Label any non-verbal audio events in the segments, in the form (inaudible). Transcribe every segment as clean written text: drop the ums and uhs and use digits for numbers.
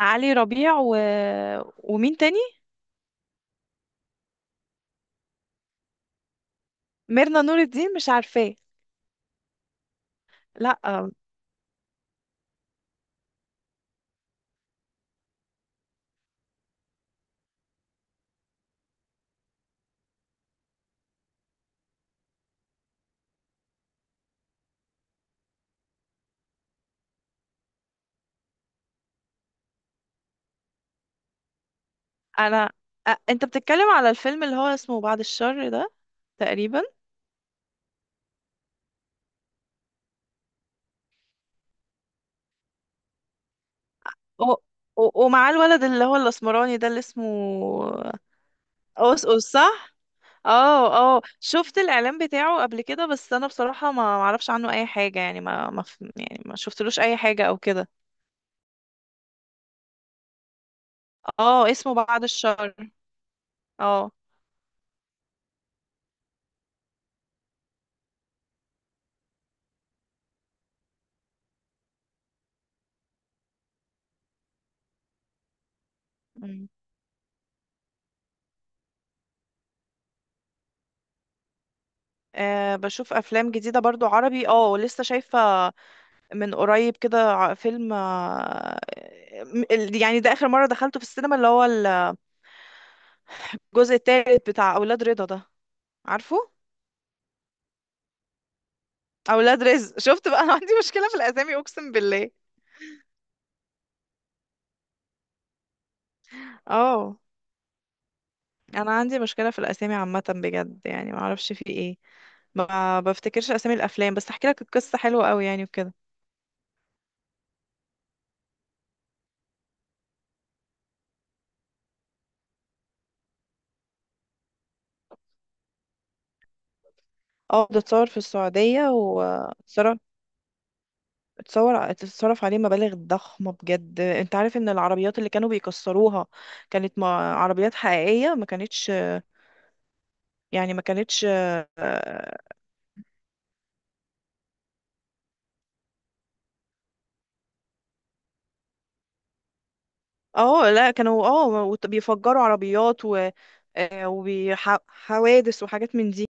علي ربيع ومين تاني؟ ميرنا نور الدين مش عارفاه. لا، انا انت بتتكلم على الفيلم اللي هو اسمه بعد الشر ده تقريبا. و... ومعاه الولد اللي هو الاسمراني ده اللي اسمه... اوس اوس، صح؟ اه. اه، شفت الاعلان بتاعه قبل كده، بس انا بصراحة ما اعرفش عنه اي حاجة، يعني ما ما ف- يعني ما شفتلوش اي حاجة او كده. اه، اسمه بعد الشر. اه. مم. آه، بشوف افلام جديدة برضو عربي، اه لسه شايفة من قريب كده فيلم، يعني ده آخر مرة دخلته في السينما، اللي هو الجزء التالت بتاع أولاد رضا ده، عارفه؟ أولاد رزق (laughs) شفت بقى، أنا عندي مشكلة في الأسامي، أقسم بالله. اه، أنا عندي مشكلة في الأسامي عامة، بجد يعني ما أعرفش في إيه. ما بفتكرش أسامي الأفلام، بس هحكي لك القصة حلوة قوي يعني وكده. اه، ده اتصور في السعودية، و... اتصور تتصرف عليه مبالغ ضخمة بجد. انت عارف ان العربيات اللي كانوا بيكسروها كانت... ما عربيات حقيقية، ما كانتش يعني، ما كانتش. اه لا، كانوا اه بيفجروا عربيات و... وحوادث وحاجات من دي.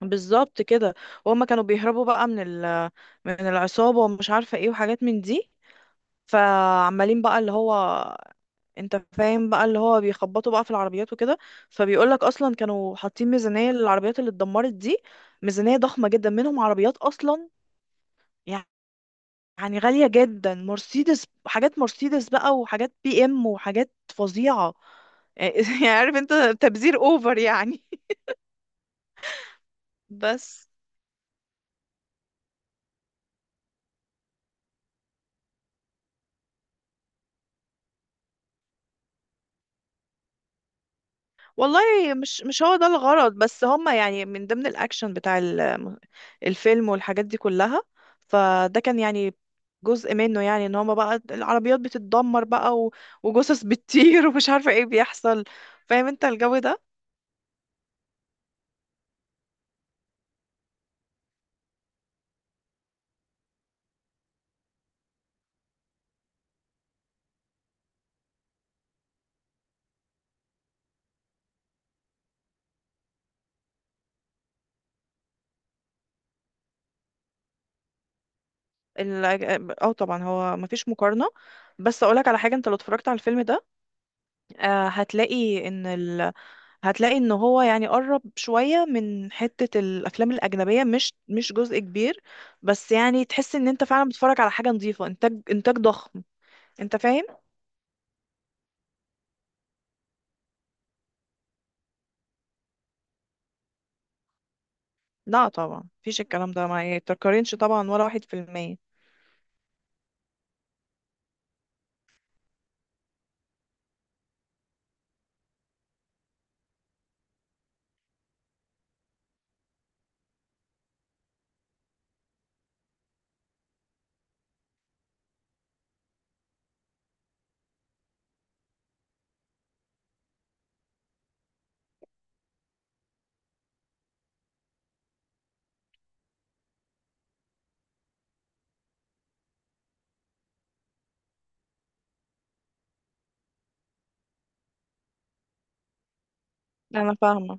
بالظبط كده. وهم كانوا بيهربوا بقى من ال... من العصابة ومش عارفة ايه وحاجات من دي. فعمالين بقى اللي هو... انت فاهم بقى، اللي هو بيخبطوا بقى في العربيات وكده. فبيقولك اصلا كانوا حاطين ميزانية للعربيات اللي اتدمرت دي. ميزانية ضخمة جدا، منهم عربيات اصلا يعني غالية جدا. مرسيدس، حاجات مرسيدس بقى وحاجات بي ام وحاجات فظيعة (laughs) يعني عارف انت، تبذير اوفر يعني. (laughs) بس والله، مش هو ده الغرض، بس هما يعني من ضمن الأكشن بتاع الفيلم والحاجات دي كلها. فده كان يعني جزء منه، يعني ان هما بقى العربيات بتتدمر بقى وجثث بتطير (laughs) ومش عارفة ايه بيحصل. فاهم انت الجو ده؟ اه طبعا هو مفيش مقارنة. بس اقولك على حاجة، انت لو اتفرجت على الفيلم ده هتلاقي ان... هتلاقي ان هو يعني قرب شوية من حتة الافلام الاجنبية، مش جزء كبير، بس يعني تحس ان انت فعلا بتتفرج على حاجة نظيفة، انتاج ضخم. انت فاهم؟ لا طبعا مفيش، الكلام ده ما يتقارنش طبعا، ولا واحد في المية. انا فاهمة.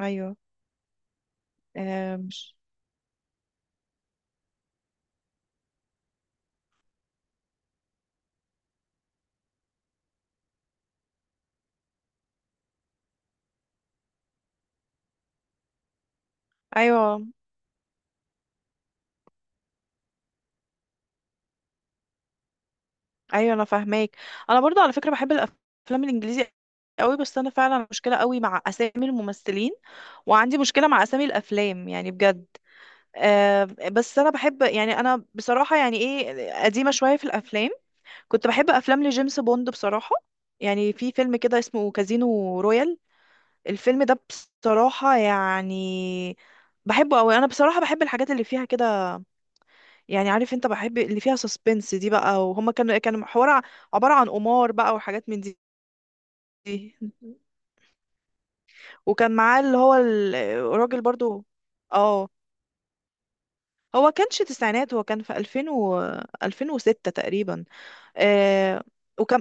ايوه. آه، مش ايوه، ايوه، انا فاهماك. انا برضو على فكرة بحب الافلام الانجليزي قوي، بس انا فعلا مشكلة قوي مع اسامي الممثلين، وعندي مشكلة مع اسامي الافلام يعني، بجد. آه، بس انا بحب يعني، انا بصراحه يعني ايه، قديمه شويه في الافلام. كنت بحب افلام لجيمس بوند بصراحه، يعني في فيلم كده اسمه كازينو رويال، الفيلم ده بصراحه يعني بحبه قوي. انا بصراحه بحب الحاجات اللي فيها كده، يعني عارف انت، بحب اللي فيها سسبنس دي بقى، وهما كانوا كان حوار عباره عن قمار بقى وحاجات من دي (laughs) دي. وكان معاه اللي هو الراجل برضو. اه، هو كانش تسعينات، هو كان في 2000 و 2006 تقريبا. آه وكم.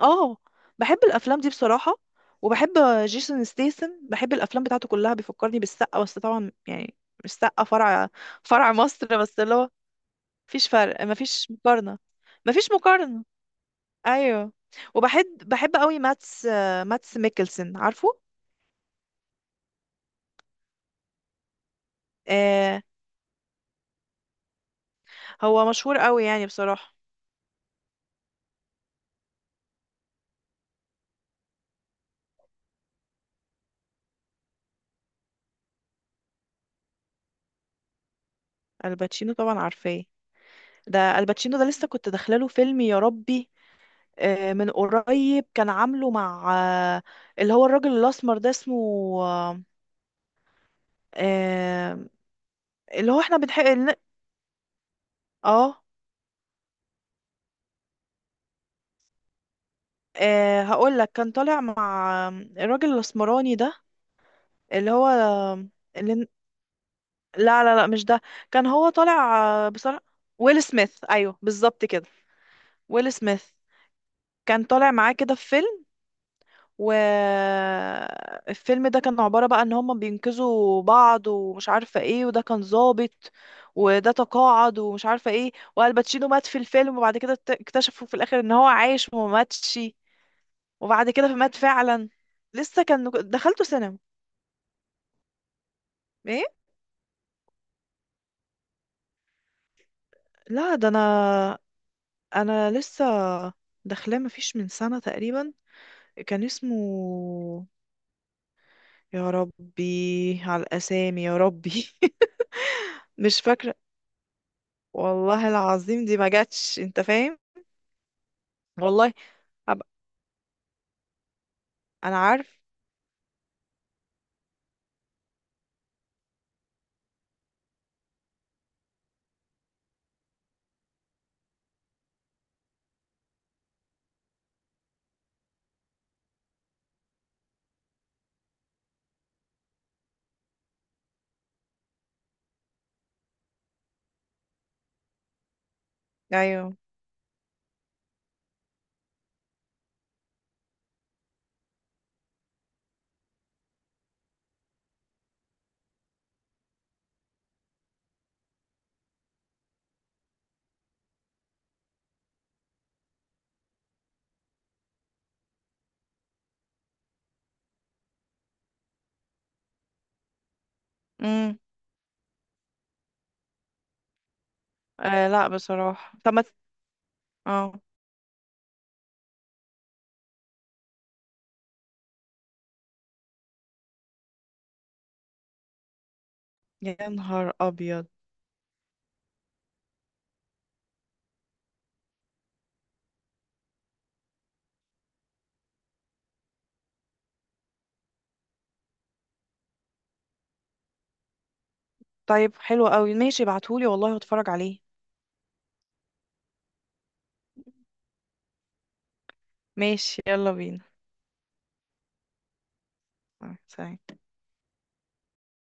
اه، بحب الافلام دي بصراحه، وبحب جيسون ستيسن، بحب الافلام بتاعته كلها. بيفكرني بالسقا، بس طبعا يعني مش سقا فرع، فرع مصر، بس اللي هو مفيش فرق، مفيش مقارنه، مفيش مقارنه. ايوه. وبحب قوي ماتس، ماتس ميكلسن، عارفه؟ آه، هو مشهور قوي يعني بصراحه. الباتشينو طبعا عارفاه، ده الباتشينو ده لسه كنت داخله له فيلم يا ربي. من قريب، كان عامله مع آه، اللي هو الراجل الأسمر ده اسمه آه، آه، اللي هو احنا بنحق اه. هقول لك كان طالع مع الراجل الأسمراني ده، اللي هو اللي... لا لا لا، مش ده. كان هو طالع، بصراحة ويل سميث. ايوه، بالظبط كده، ويل سميث، كان طالع معاه كده في فيلم. والفيلم ده كان عبارة بقى ان هم بينقذوا بعض ومش عارفة ايه، وده كان ظابط وده تقاعد ومش عارفة ايه، والباتشينو مات في الفيلم، وبعد كده اكتشفوا في الاخر ان هو عايش وما ماتش، وبعد كده مات فعلا. لسه كان دخلته سينما. ايه؟ لا ده انا، انا لسه داخلاه مفيش من سنة تقريبا. كان اسمه... يا ربي على الاسامي يا ربي (laughs) مش فاكرة. والله العظيم دي ما جاتش، انت فاهم. والله. أب... انا عارف. ايوه. امم. آه لا بصراحه، طب ما ت- اه. يا نهار ابيض. طيب حلو قوي، ماشي ابعتهولي والله واتفرج عليه. ماشي، يلا بينا. سلام.